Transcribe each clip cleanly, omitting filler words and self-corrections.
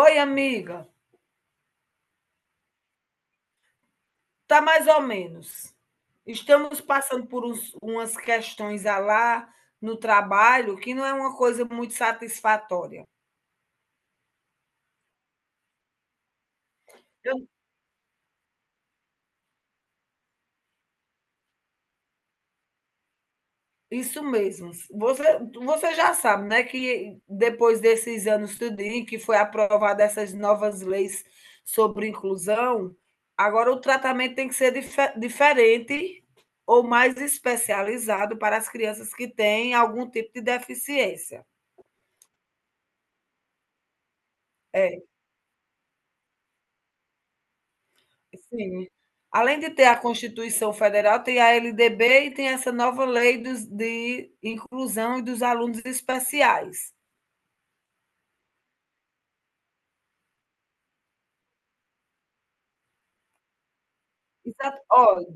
Oi, amiga. Tá mais ou menos. Estamos passando por umas questões a lá no trabalho que não é uma coisa muito satisfatória. Eu- isso mesmo. Você já sabe, né, que depois desses anos tudinho que foi aprovada essas novas leis sobre inclusão, agora o tratamento tem que ser diferente ou mais especializado para as crianças que têm algum tipo de deficiência. É, sim. Além de ter a Constituição Federal, tem a LDB e tem essa nova lei dos de inclusão e dos alunos especiais. Exato. Olha,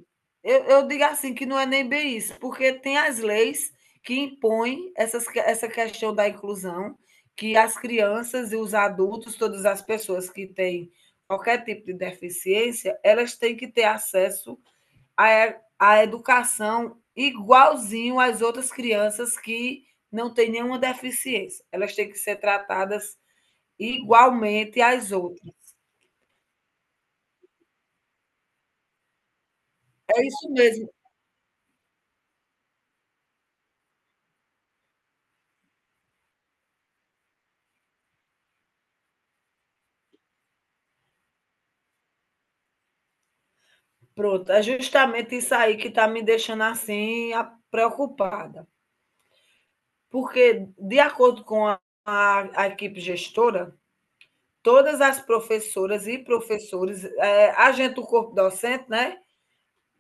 eu digo assim, que não é nem bem isso, porque tem as leis que impõem essa questão da inclusão, que as crianças e os adultos, todas as pessoas que têm qualquer tipo de deficiência, elas têm que ter acesso a, a educação igualzinho às outras crianças que não têm nenhuma deficiência. Elas têm que ser tratadas igualmente às outras. É isso mesmo. Pronto, é justamente isso aí que está me deixando assim preocupada. Porque, de acordo com a equipe gestora, todas as professoras e professores, a gente, o corpo docente, né?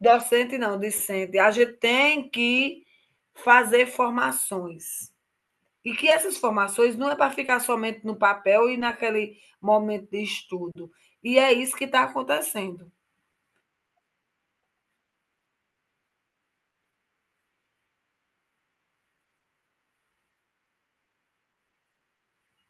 Docente não, discente, a gente tem que fazer formações. E que essas formações não é para ficar somente no papel e naquele momento de estudo. E é isso que está acontecendo.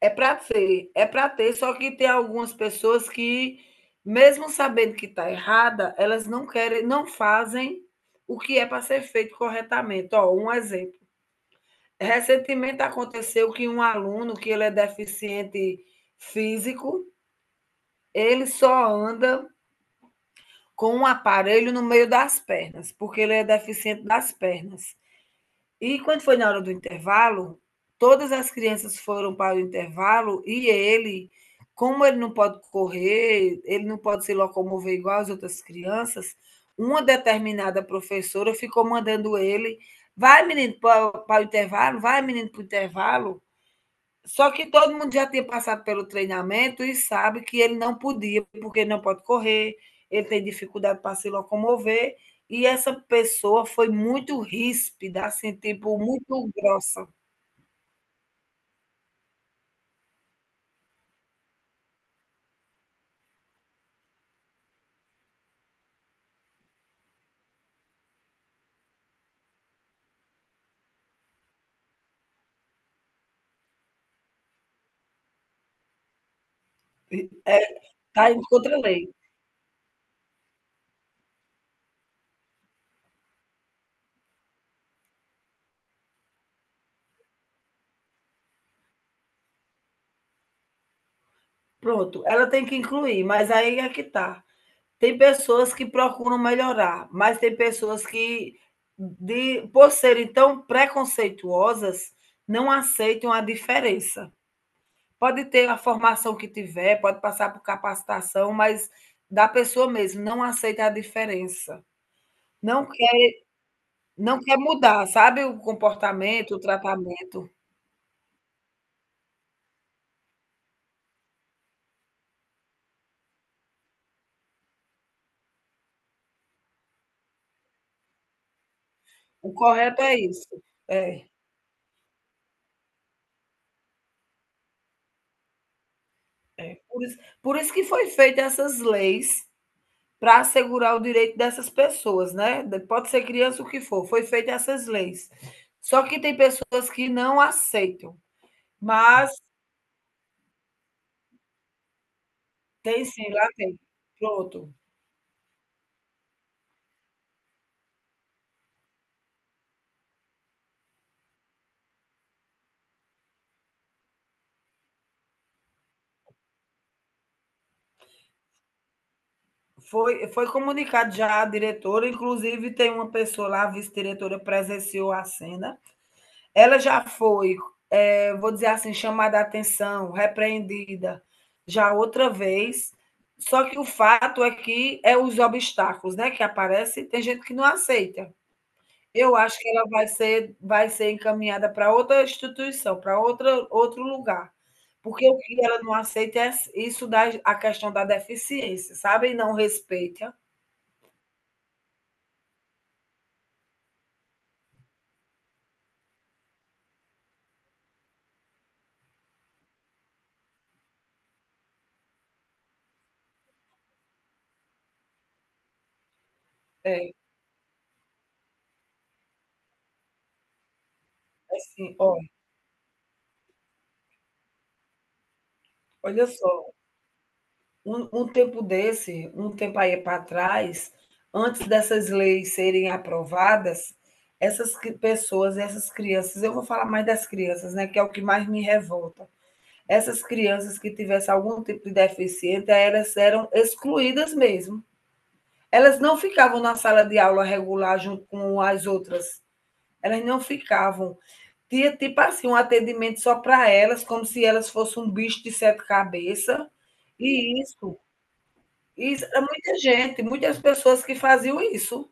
É para ter, só que tem algumas pessoas que, mesmo sabendo que está errada, elas não querem, não fazem o que é para ser feito corretamente. Ó, um exemplo. Recentemente aconteceu que um aluno que ele é deficiente físico, ele só anda com um aparelho no meio das pernas, porque ele é deficiente das pernas. E quando foi na hora do intervalo, todas as crianças foram para o intervalo e ele, como ele não pode correr, ele não pode se locomover igual as outras crianças, uma determinada professora ficou mandando ele, vai menino para o intervalo, vai menino para o intervalo, só que todo mundo já tinha passado pelo treinamento e sabe que ele não podia, porque ele não pode correr, ele tem dificuldade para se locomover. E essa pessoa foi muito ríspida, assim, tipo, muito grossa. Está tá indo contra a lei. Pronto, ela tem que incluir, mas aí é que tá. Tem pessoas que procuram melhorar, mas tem pessoas que, por serem tão preconceituosas, não aceitam a diferença. Pode ter a formação que tiver, pode passar por capacitação, mas da pessoa mesmo, não aceita a diferença. Não quer não quer mudar, sabe, o comportamento, o tratamento. O correto é isso. É, é. Por isso que foi feita essas leis para assegurar o direito dessas pessoas, né, de pode ser criança, o que for, foi feita essas leis. Só que tem pessoas que não aceitam, mas tem sim, lá tem. Pronto. Foi comunicado já à diretora, inclusive tem uma pessoa lá, a vice-diretora, presenciou a cena. Ela já foi, é, vou dizer assim, chamada a atenção, repreendida já outra vez. Só que o fato é que é os obstáculos né, que aparecem, tem gente que não aceita. Eu acho que vai ser encaminhada para outra instituição, para outra, outro lugar. Porque o que ela não aceita é isso da a questão da deficiência, sabe? E não respeita. É. Assim, ó, olha só, um tempo desse, um tempo aí para trás, antes dessas leis serem aprovadas, essas cri pessoas, essas crianças eu vou falar mais das crianças, né, que é o que mais me revolta. Essas crianças que tivessem algum tipo de deficiência, elas eram excluídas mesmo. Elas não ficavam na sala de aula regular junto com as outras, elas não ficavam. Tinha tipo assim, um atendimento só para elas, como se elas fossem um bicho de sete cabeças. E isso, isso era muita gente, muitas pessoas que faziam isso.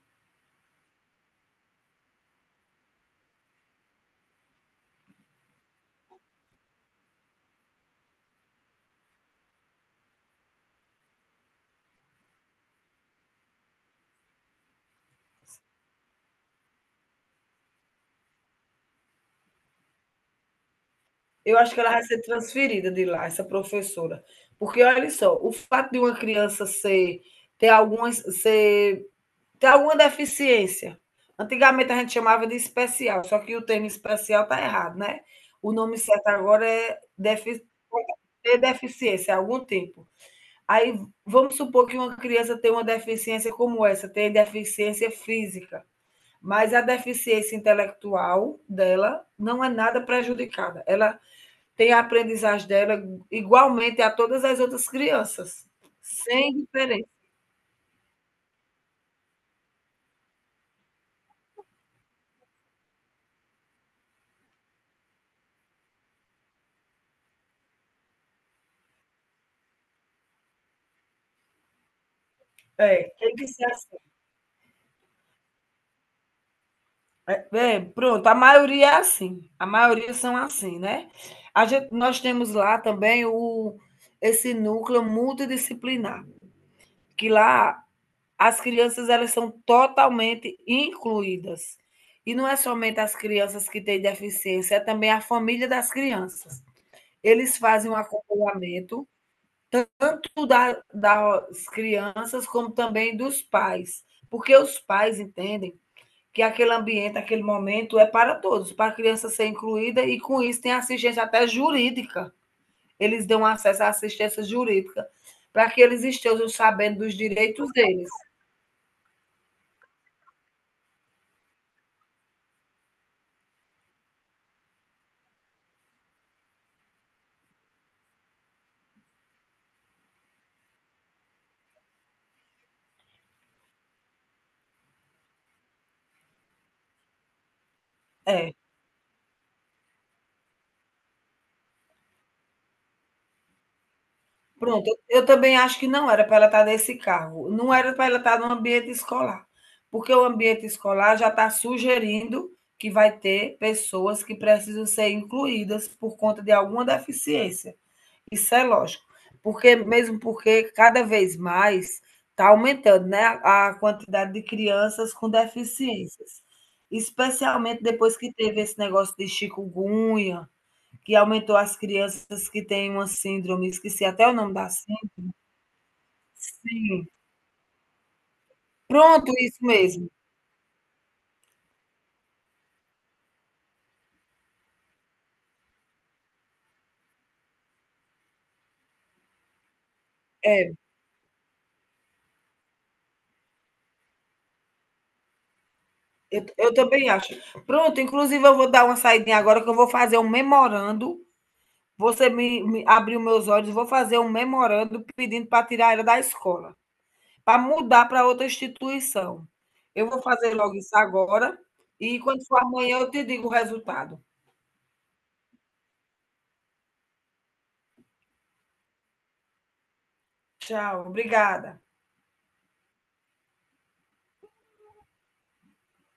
Eu acho que ela vai ser transferida de lá, essa professora. Porque olha só, o fato de uma criança ser ter alguma deficiência. Antigamente a gente chamava de especial, só que o termo especial está errado, né? O nome certo agora é defi ter deficiência, algum tipo. Aí vamos supor que uma criança tem uma deficiência como essa, tem deficiência física, mas a deficiência intelectual dela não é nada prejudicada. Ela tem a aprendizagem dela igualmente a todas as outras crianças, sem diferença. É, tem que ser assim. Pronto, a maioria é assim. A maioria são assim, né? Nós temos lá também esse núcleo multidisciplinar, que lá as crianças elas são totalmente incluídas. E não é somente as crianças que têm deficiência, é também a família das crianças. Eles fazem um acompanhamento tanto das crianças como também dos pais, porque os pais entendem que aquele ambiente, aquele momento é para todos, para a criança ser incluída e com isso tem assistência até jurídica. Eles dão acesso à assistência jurídica para que eles estejam sabendo dos direitos deles. É. Pronto, eu também acho que não era para ela estar nesse cargo, não era para ela estar no ambiente escolar, porque o ambiente escolar já está sugerindo que vai ter pessoas que precisam ser incluídas por conta de alguma deficiência. Isso é lógico, porque mesmo porque cada vez mais está aumentando, né, a quantidade de crianças com deficiências, especialmente depois que teve esse negócio de chikungunya, que aumentou as crianças que têm uma síndrome, esqueci até o nome da síndrome. Sim. Pronto, isso mesmo. É, eu também acho. Pronto, inclusive eu vou dar uma saidinha agora que eu vou fazer um memorando. Você me abriu meus olhos, vou fazer um memorando pedindo para tirar ela da escola, para mudar para outra instituição. Eu vou fazer logo isso agora e quando for amanhã eu te digo o resultado. Tchau, obrigada.